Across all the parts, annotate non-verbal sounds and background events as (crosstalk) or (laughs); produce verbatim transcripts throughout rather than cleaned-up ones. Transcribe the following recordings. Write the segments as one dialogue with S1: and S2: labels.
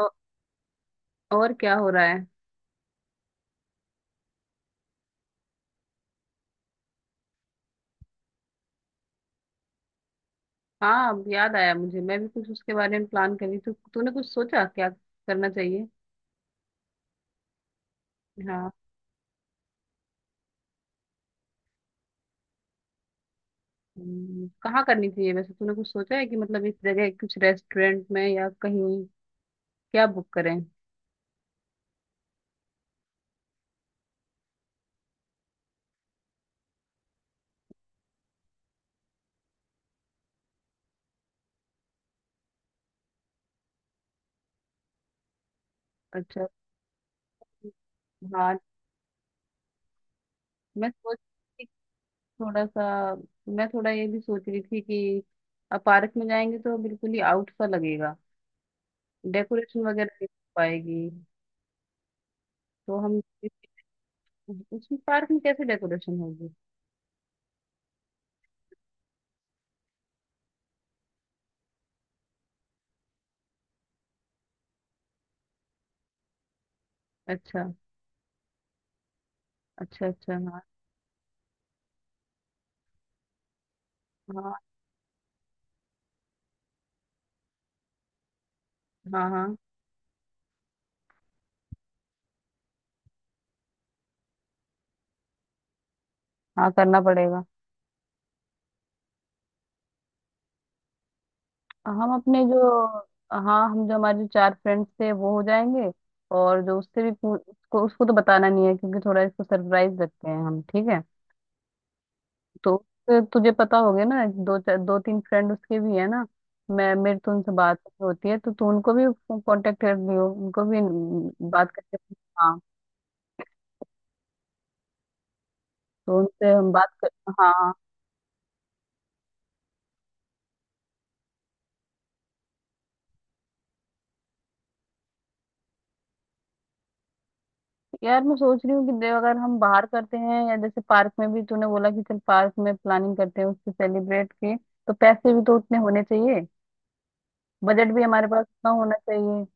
S1: औ- और क्या हो रहा है? हाँ, अब याद आया मुझे। मैं भी कुछ उसके बारे में प्लान कर रही थी। तूने कुछ सोचा क्या करना चाहिए? हाँ। हम्म, कहाँ करनी चाहिए वैसे? तूने कुछ सोचा है कि मतलब इस जगह कुछ रेस्टोरेंट में या कहीं, क्या बुक करें? अच्छा। हाँ, मैं सोच रही थी थोड़ा सा मैं थोड़ा ये भी सोच रही थी कि अब पार्क में जाएंगे तो बिल्कुल ही आउट सा लगेगा। डेकोरेशन वगैरह नहीं हो पाएगी। तो हम इस- उसमें पार्क में कैसे डेकोरेशन होगी? अच्छा, अच्छा, अच्छा, हाँ। हाँ, हाँ, हाँ, हाँ करना पड़ेगा। हम अपने जो हाँ, हम जो हमारे जो चार फ्रेंड्स थे वो हो जाएंगे। और जो उससे भी पू- उसको उसको तो बताना नहीं है, क्योंकि थोड़ा इसको सरप्राइज रखते हैं हम। ठीक है? तो उससे तुझे पता हो गया ना, दो चार, दो तीन फ्रेंड उसके भी है ना। मैं मेरे तो उनसे बात होती है, तो तू उनको भी कांटेक्ट कर लियो उनको भी, बात करके हाँ। तो उनसे हम बात कर हाँ। यार, मैं सोच रही हूँ कि देव, अगर हम बाहर करते हैं या जैसे पार्क में भी तूने बोला कि चल पार्क में प्लानिंग करते हैं उसकी, सेलिब्रेट की, तो पैसे भी तो उतने होने चाहिए। बजट भी हमारे पास उतना होना चाहिए।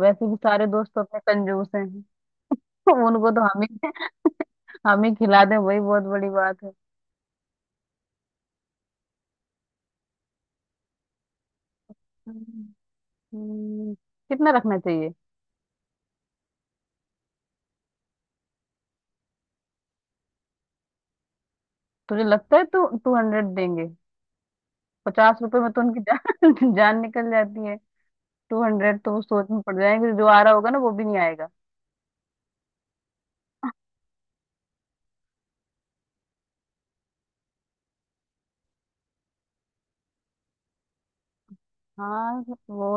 S1: वैसे भी सारे दोस्त तो अपने कंजूस हैं। (laughs) उनको तो हम ही (laughs) हम ही खिला दें, वही बहुत बड़ी बात है। हम्म, हम्म, कितना रखना चाहिए? तुझे लगता है तो टू हंड्रेड देंगे? पचास रुपए में तो उनकी जान, (laughs) जान निकल जाती है। टू हंड्रेड तो वो सोच में पड़ जाएंगे, जो आ रहा होगा ना वो भी नहीं। हाँ, वो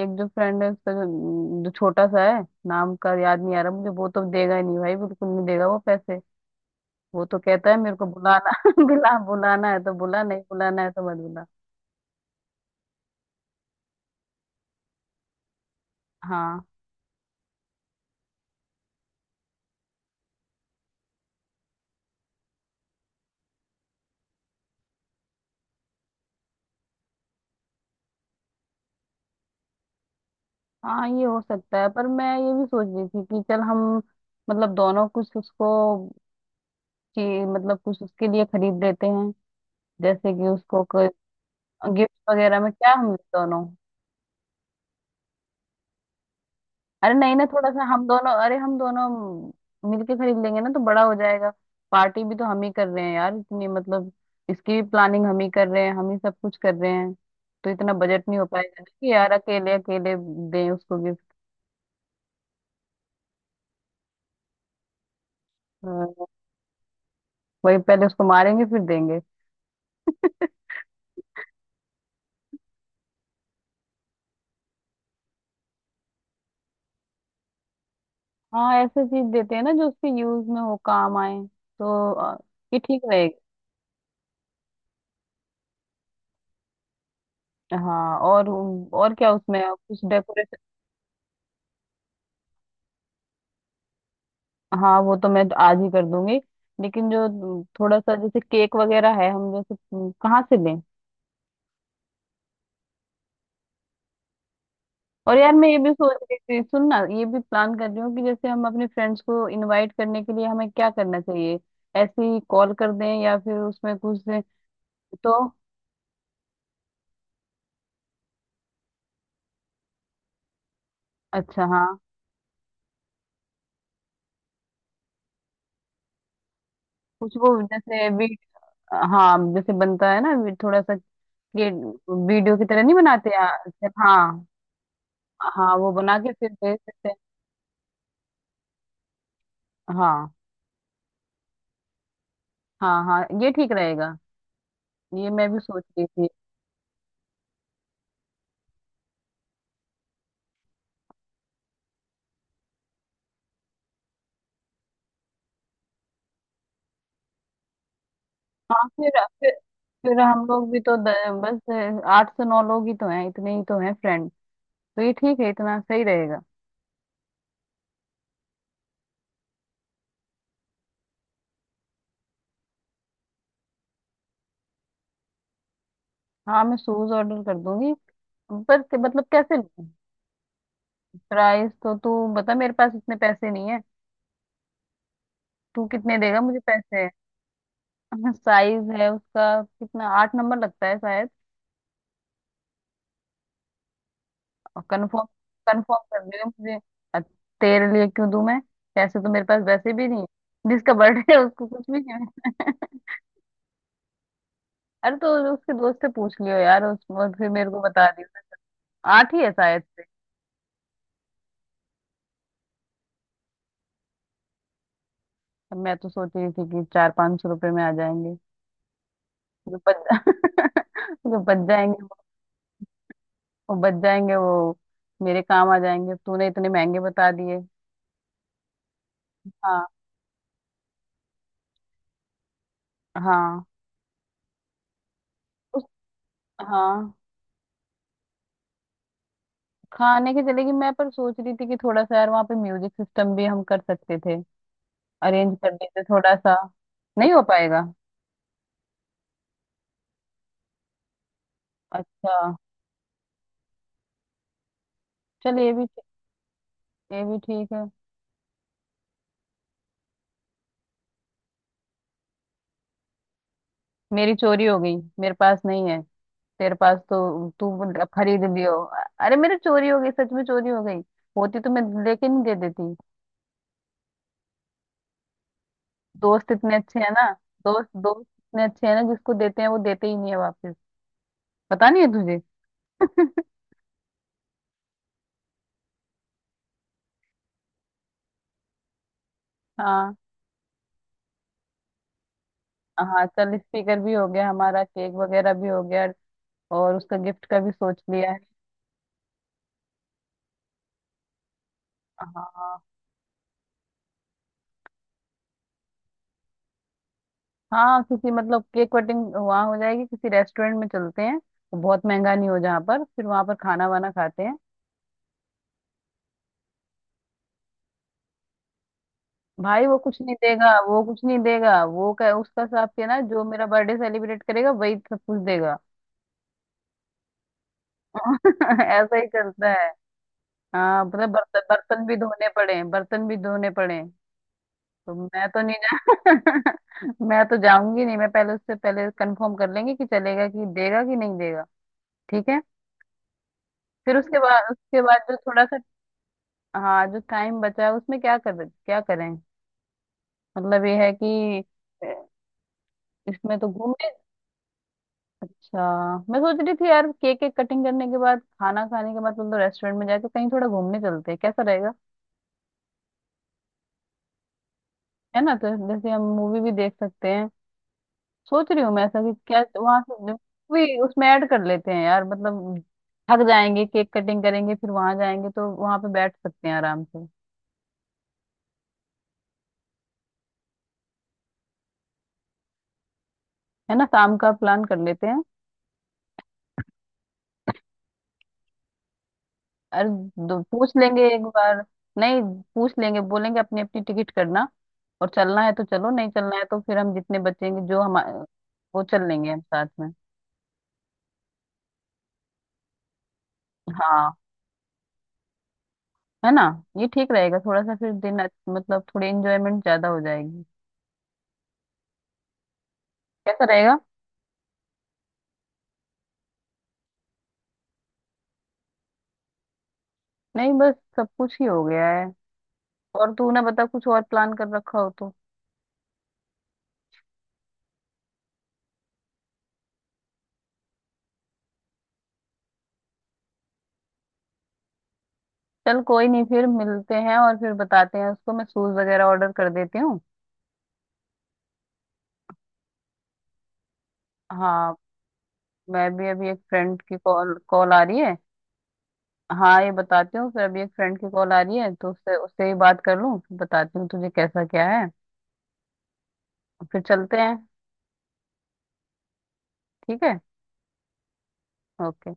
S1: एक जो फ्रेंड है उसका, जो, जो छोटा सा है। नाम का याद नहीं आ रहा मुझे। वो तो देगा ही नहीं भाई, बिल्कुल नहीं देगा वो पैसे। वो तो कहता है मेरे को बुलाना। (laughs) बुला बुलाना है तो बुला, नहीं बुलाना है तो मत बुला। हाँ, हाँ, ये हो सकता है, पर मैं ये भी सोच रही थी कि चल हम, मतलब दोनों कुछ उसको, ची- मतलब कुछ उसके लिए खरीद लेते हैं, जैसे कि उसको गिफ्ट वगैरह में, क्या हम दोनों। अरे नहीं ना, थोड़ा सा हम दोनों अरे हम दोनों मिलके खरीद लेंगे ना तो बड़ा हो जाएगा। पार्टी भी तो हम ही कर रहे हैं यार, इतनी मतलब, इसकी भी प्लानिंग हम ही कर रहे हैं, हम ही सब कुछ कर रहे हैं। तो इतना बजट नहीं हो पाएगा ना कि यार अकेले अकेले दें उसको गिफ्ट। वही पहले उसको मारेंगे फिर देंगे। हाँ, ऐसे चीज देते हैं ना जो उसके यूज में हो, काम आए। तो अ, ये ठीक रहेगा। हाँ, और और क्या उसमें कुछ डेकोरेशन? हाँ, वो तो मैं आज ही कर दूंगी। लेकिन जो थोड़ा सा जैसे केक वगैरह है, हम जैसे कहाँ से लें? और यार, मैं ये भी सोच रही थी, सुन ना, ये भी प्लान कर रही हूँ कि जैसे हम अपने फ्रेंड्स को इनवाइट करने के लिए हमें क्या करना चाहिए? ऐसे ही कॉल कर दें या फिर उसमें कुछ, तो। अच्छा, हाँ, कुछ वो जैसे वी हाँ जैसे बनता है ना, वी- थोड़ा सा ये वीडियो की तरह नहीं बनाते यार? हाँ। हाँ, वो बना के फिर भेज देते हैं। हाँ, हाँ, हाँ ये ठीक रहेगा। ये मैं भी सोच रही थी। हाँ, फिर फिर फिर हम लोग भी तो द, बस आठ से नौ लोग ही तो हैं, इतने ही तो हैं फ्रेंड। तो ये ठीक है, इतना सही रहेगा। हाँ, मैं शूज ऑर्डर कर दूंगी। पर के- मतलब कैसे? प्राइस तो तू बता, मेरे पास इतने पैसे नहीं है। तू कितने देगा मुझे पैसे? (laughs) साइज है उसका कितना, आठ नंबर लगता है शायद। और कंफर्म। कंफर्म कर देगा मुझे। अ, तेरे लिए क्यों दूं मैं? पैसे तो मेरे पास वैसे भी नहीं है। जिसका बर्थडे है उसको कुछ भी नहीं है। अरे, तो उसके दोस्त से पूछ लियो यार उस और फिर मेरे को बता दियो। आठ ही है शायद से। अब मैं तो सोच रही थी कि चार पाँच सौ रुपये में आ जाएंगे। जो बच (laughs) जो बच जाएंगे, वो बच जाएंगे, वो मेरे काम आ जाएंगे। तूने इतने महंगे बता दिए। हाँ, हाँ, उस हाँ, खाने के चलेगी मैं। पर सोच रही थी कि थोड़ा सा यार वहाँ पे म्यूजिक सिस्टम भी हम कर सकते थे, अरेंज कर देते थोड़ा सा। नहीं हो पाएगा। अच्छा, चल ये भी ये भी ठीक है। मेरी चोरी हो गई, मेरे पास नहीं है। तेरे पास तो तू खरीद लियो। अरे मेरे चोरी हो गई, सच में चोरी हो गई। होती तो मैं लेके नहीं दे देती? दोस्त इतने अच्छे हैं ना। दोस्त दोस्त इतने अच्छे हैं ना, जिसको देते हैं वो देते ही नहीं है वापस। पता नहीं है तुझे। (laughs) हाँ, हाँ चल, स्पीकर भी हो गया हमारा, केक वगैरह भी हो गया। और उसका गिफ्ट का भी सोच लिया है। हाँ, हाँ किसी, मतलब केक कटिंग वहाँ हो जाएगी, किसी रेस्टोरेंट में चलते हैं। वो बहुत महंगा नहीं हो जहाँ पर, फिर वहाँ पर खाना वाना खाते हैं। भाई, वो कुछ नहीं देगा, वो कुछ नहीं देगा। वो कह उसका हिसाब के ना, जो मेरा बर्थडे सेलिब्रेट करेगा वही सब कुछ देगा। (laughs) ऐसा ही करता है। हाँ मतलब, बर्तन बर्तन भी धोने पड़े, बर्तन भी धोने पड़े। तो मैं तो नहीं जा। (laughs) मैं तो जाऊंगी नहीं, मैं पहले, उससे पहले कंफर्म कर लेंगे कि चलेगा कि देगा कि नहीं देगा। ठीक है। फिर उसके बाद उसके बाद जो थोड़ा सा हाँ, जो टाइम बचा है उसमें क्या कर क्या करें? मतलब ये है कि अ, इसमें तो घूमने। अच्छा, मैं सोच रही थी यार, केक केक कटिंग करने के बाद, खाना खाने के बाद, तुम तो रेस्टोरेंट में जाके कहीं थोड़ा घूमने चलते हैं, कैसा रहेगा? है ना? तो जैसे हम मूवी भी देख सकते हैं। सोच रही हूँ मैं ऐसा कि क्या वहां से भी उसमें ऐड कर लेते हैं यार, मतलब थक जाएंगे, केक कटिंग करेंगे, फिर वहां जाएंगे तो वहां पे बैठ सकते हैं आराम से। है ना? शाम का प्लान कर लेते हैं। अरे दो- पूछ लेंगे एक बार। नहीं, पूछ लेंगे, बोलेंगे अपनी अपनी टिकट करना, और चलना है तो चलो, नहीं चलना है तो फिर हम जितने बचेंगे जो हम, वो चल लेंगे हम साथ में। हाँ। है ना? ये ठीक रहेगा, थोड़ा सा फिर दिन अच्छ- मतलब थोड़ी इंजॉयमेंट ज्यादा हो जाएगी। कैसा रहेगा? नहीं, बस सब कुछ ही हो गया है। और तू ना बता, कुछ और प्लान कर रखा हो तो। चल कोई नहीं, फिर मिलते हैं और फिर बताते हैं उसको। मैं शूज वगैरह ऑर्डर कर देती हूँ। हाँ, मैं भी अभी एक फ्रेंड की कॉल कॉल आ रही है। हाँ, ये बताती हूँ फिर। अभी एक फ्रेंड की कॉल आ रही है तो उससे उससे ही बात कर लूँ, फिर बताती हूँ तुझे कैसा क्या है। फिर चलते हैं। ठीक है। ओके।